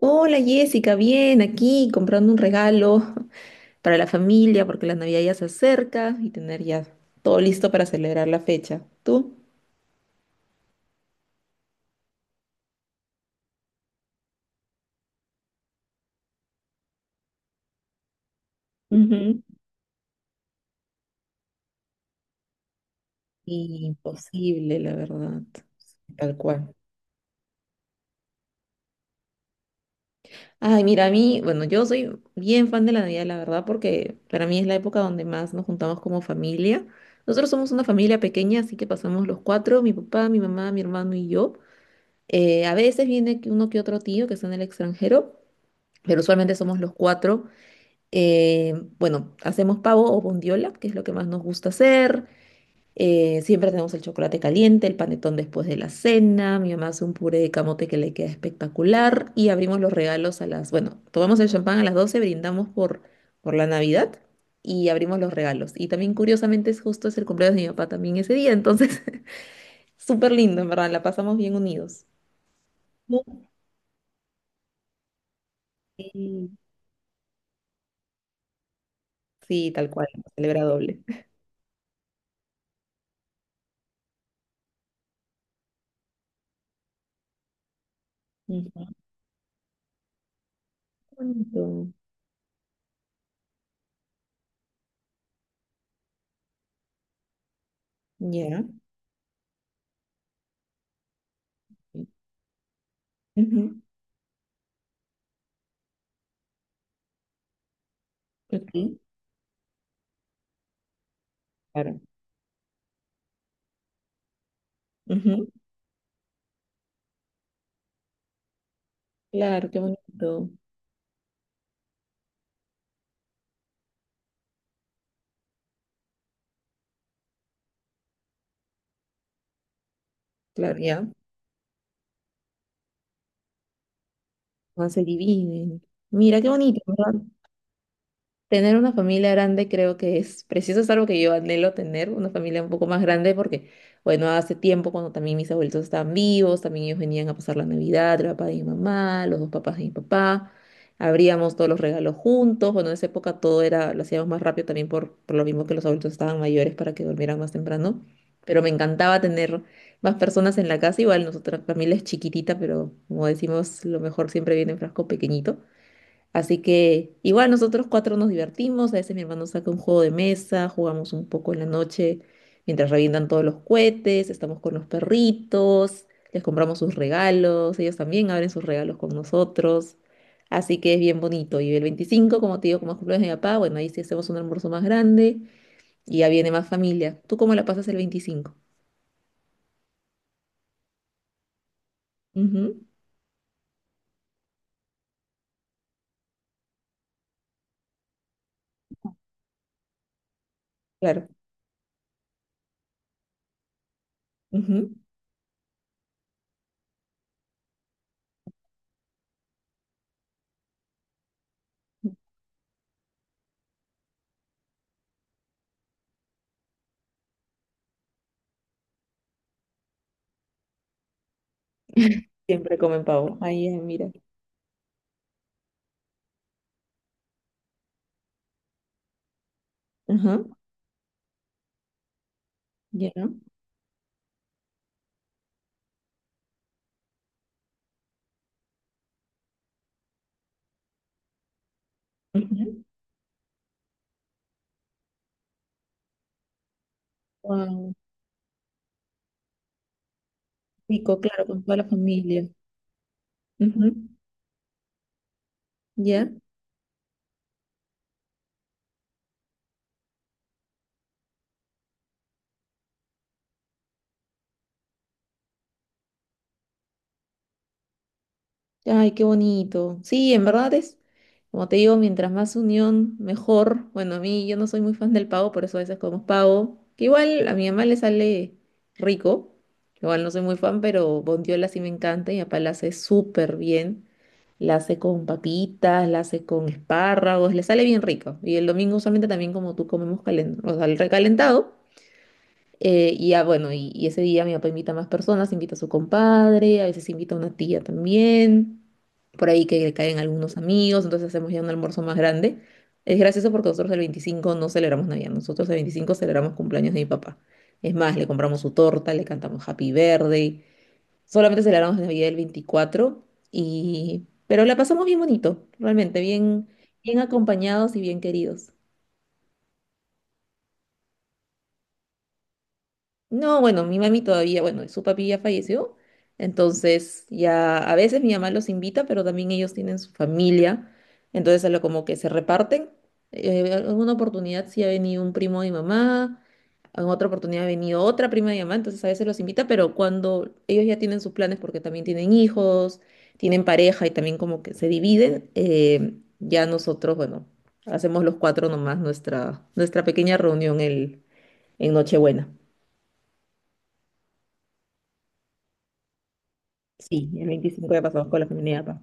Hola Jessica, bien, aquí comprando un regalo para la familia porque la Navidad ya se acerca y tener ya todo listo para celebrar la fecha. ¿Tú? Ujú. Imposible, la verdad. Tal cual. Ay, mira, a mí, bueno, yo soy bien fan de la Navidad, la verdad, porque para mí es la época donde más nos juntamos como familia. Nosotros somos una familia pequeña, así que pasamos los cuatro, mi papá, mi mamá, mi hermano y yo. A veces viene que uno que otro tío que está en el extranjero, pero usualmente somos los cuatro. Eh, bueno, hacemos pavo o bondiola, que es lo que más nos gusta hacer. Siempre tenemos el chocolate caliente, el panetón después de la cena. Mi mamá hace un puré de camote que le queda espectacular. Y abrimos los regalos a las, bueno, tomamos el champán a las 12 brindamos por la Navidad y abrimos los regalos. Y también, curiosamente, es el cumpleaños de mi papá también ese día. Entonces, súper lindo, en verdad, la pasamos bien unidos. No, sí, sí, tal cual, celebra doble. Ujú. Qué bonito. Ya. Ujú. Ok, claro. Ujú, claro, qué bonito. Claro, ya. No se dividen. Mira, qué bonito, ¿verdad? Tener una familia grande creo que es preciso, es algo que yo anhelo tener, una familia un poco más grande, porque, bueno, hace tiempo cuando también mis abuelitos estaban vivos, también ellos venían a pasar la Navidad, el papá de mi mamá, los dos papás de mi papá, abríamos todos los regalos juntos, bueno, en esa época todo era, lo hacíamos más rápido también por lo mismo que los adultos estaban mayores para que durmieran más temprano, pero me encantaba tener más personas en la casa, igual nuestra familia es chiquitita, pero como decimos, lo mejor siempre viene en frasco pequeñito. Así que igual nosotros cuatro nos divertimos, a veces mi hermano saca un juego de mesa, jugamos un poco en la noche mientras revientan todos los cohetes, estamos con los perritos, les compramos sus regalos, ellos también abren sus regalos con nosotros. Así que es bien bonito. Y el 25, como te digo, como es cumpleaños de mi papá, bueno, ahí sí hacemos un almuerzo más grande y ya viene más familia. ¿Tú cómo la pasas el 25? Ujú, claro. Ujú. Siempre comen pavo. Ahí, mira. Ajá, ya. Ujú. Guau. Rico, claro, con toda la familia. Ujú. ¿Ya? Ay, qué bonito. Sí, en verdad es, como te digo, mientras más unión, mejor. Bueno, a mí yo no soy muy fan del pavo, por eso a veces comemos pavo. Que igual a mi mamá le sale rico. Igual no soy muy fan, pero bondiola sí me encanta y mi papá la hace súper bien. La hace con papitas, la hace con espárragos, le sale bien rico. Y el domingo usualmente también como tú comemos o sea, el recalentado. Y ya, bueno, y ese día mi papá invita a más personas, invita a su compadre, a veces invita a una tía también, por ahí que le caen algunos amigos, entonces hacemos ya un almuerzo más grande. Es gracioso porque nosotros el 25 no celebramos Navidad, nosotros el 25 celebramos cumpleaños de mi papá. Es más, le compramos su torta, le cantamos Happy Birthday, solamente celebramos Navidad el 24 Pero la pasamos bien bonito, realmente, bien, bien acompañados y bien queridos. No, bueno, mi mami todavía, bueno, su papi ya falleció, entonces ya a veces mi mamá los invita, pero también ellos tienen su familia, entonces a lo como que se reparten. Alguna oportunidad sí ha venido un primo de mi mamá, en otra oportunidad ha venido otra prima de mi mamá, entonces a veces los invita, pero cuando ellos ya tienen sus planes porque también tienen hijos, tienen pareja y también como que se dividen, ya nosotros, bueno, hacemos los cuatro nomás nuestra, pequeña reunión en Nochebuena. Sí, el 25 ya pasamos con la familia de papá.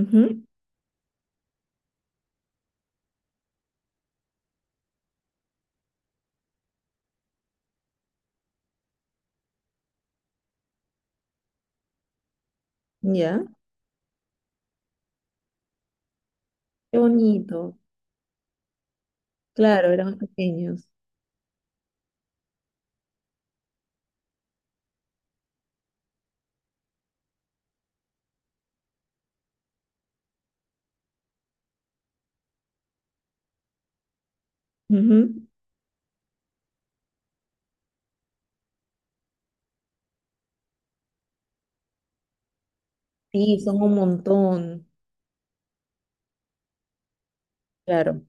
Ujú. Ya, qué bonito. Claro, éramos pequeños. Ujú. Sí, son un montón. Claro,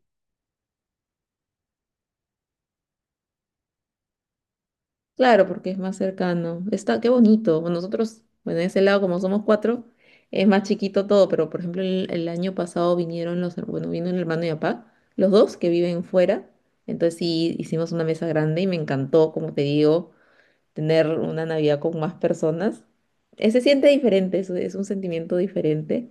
claro, porque es más cercano. Está, qué bonito. Bueno, nosotros, bueno, en ese lado, como somos cuatro, es más chiquito todo, pero por ejemplo, el año pasado vinieron bueno, vino el hermano y papá, los dos que viven fuera. Entonces sí, hicimos una mesa grande y me encantó, como te digo, tener una Navidad con más personas. Se siente diferente, es un sentimiento diferente.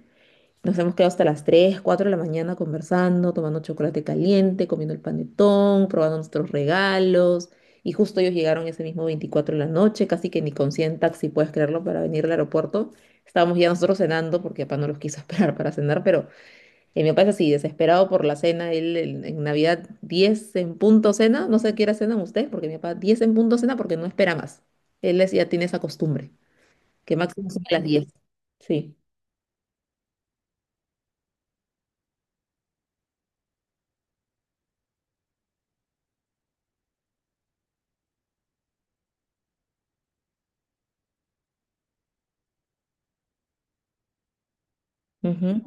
Nos hemos quedado hasta las 3, 4 de la mañana conversando, tomando chocolate caliente, comiendo el panetón, probando nuestros regalos. Y justo ellos llegaron ese mismo 24 de la noche, casi que ni con 100 taxi, puedes creerlo, para venir al aeropuerto. Estábamos ya nosotros cenando porque papá no los quiso esperar para cenar, pero y mi papá es así, desesperado por la cena. Él en Navidad 10 en punto cena. No sé a qué hora cenan ustedes, porque mi papá 10 en punto cena porque no espera más. Ya tiene esa costumbre, que máximo son las 10. Sí. Ujú.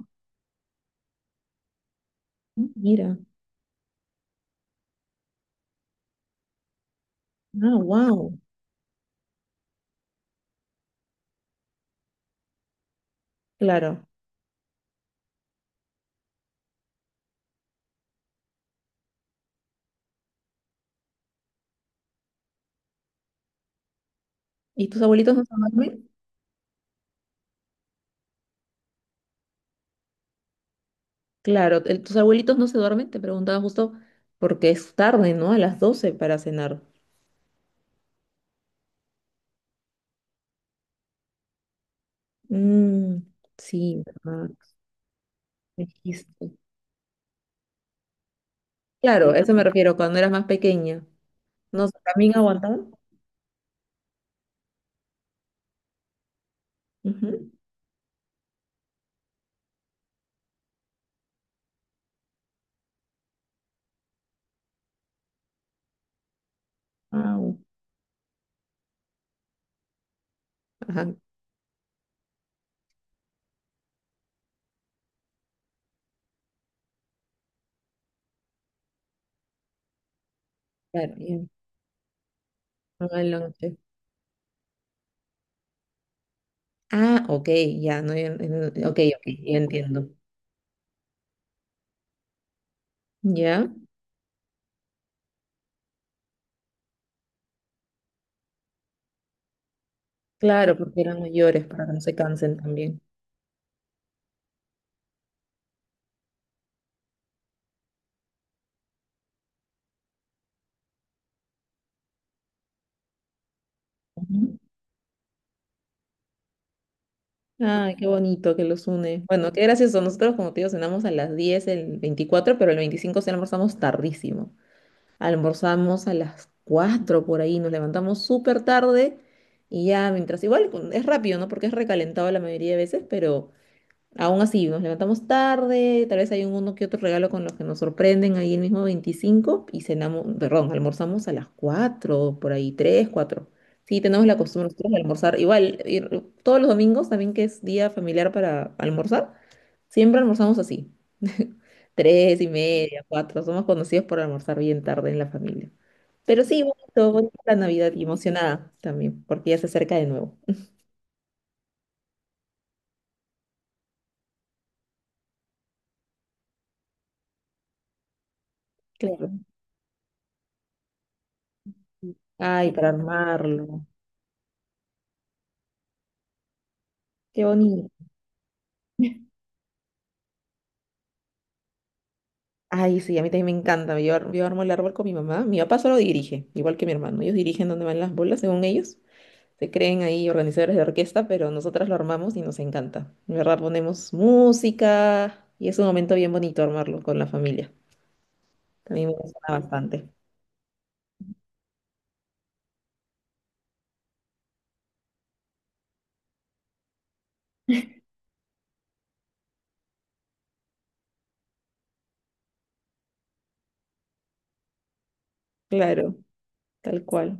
Mira. Ah, wow. Claro. ¿Y tus abuelitos no se duermen? Claro, tus abuelitos no se duermen, te preguntaba justo porque es tarde, ¿no? A las 12 para cenar. Mm, sí, ¿verdad? Dijiste. Claro, a eso me refiero, cuando eras más pequeña. No sé, ¿también aguantaban? Ujú. Ah, ajá, claro, ya, no el lonche. Ah, ok, ya, no, ya, ok, ok, ya entiendo. ¿Ya? Claro, porque eran mayores para que no se cansen también. Ujú. Ay, qué bonito que los une. Bueno, qué gracioso. Nosotros, como te digo, cenamos a las 10 el 24 pero el 25 sí almorzamos tardísimo. Almorzamos a las 4 por ahí, nos levantamos súper tarde y ya mientras, igual es rápido, ¿no? Porque es recalentado la mayoría de veces, pero aún así, nos levantamos tarde, tal vez hay un uno que otro regalo con los que nos sorprenden ahí el mismo 25 y cenamos, perdón, almorzamos a las 4 por ahí 3 cuatro. Sí, tenemos la costumbre nosotros de almorzar. Igual, todos los domingos también que es día familiar para almorzar, siempre almorzamos así. Tres y media, cuatro, somos conocidos por almorzar bien tarde en la familia. Pero sí, bonito, bonito la Navidad y emocionada también, porque ya se acerca de nuevo. Claro. Ay, para armarlo. Qué bonito. Ay, sí, a mí también me encanta. Yo armo el árbol con mi mamá. Mi papá solo dirige, igual que mi hermano. Ellos dirigen donde van las bolas, según ellos. Se creen ahí organizadores de orquesta, pero nosotras lo armamos y nos encanta. De verdad, ponemos música y es un momento bien bonito armarlo con la familia. También me emociona bastante. Claro, tal cual.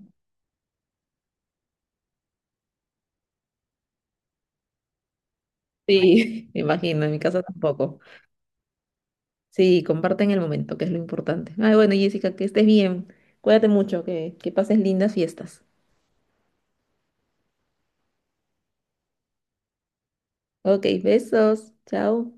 Sí, me imagino, en mi casa tampoco. Sí, comparten el momento, que es lo importante. Ay, bueno, Jessica, que estés bien. Cuídate mucho, que pases lindas fiestas. Ok, besos. Chao.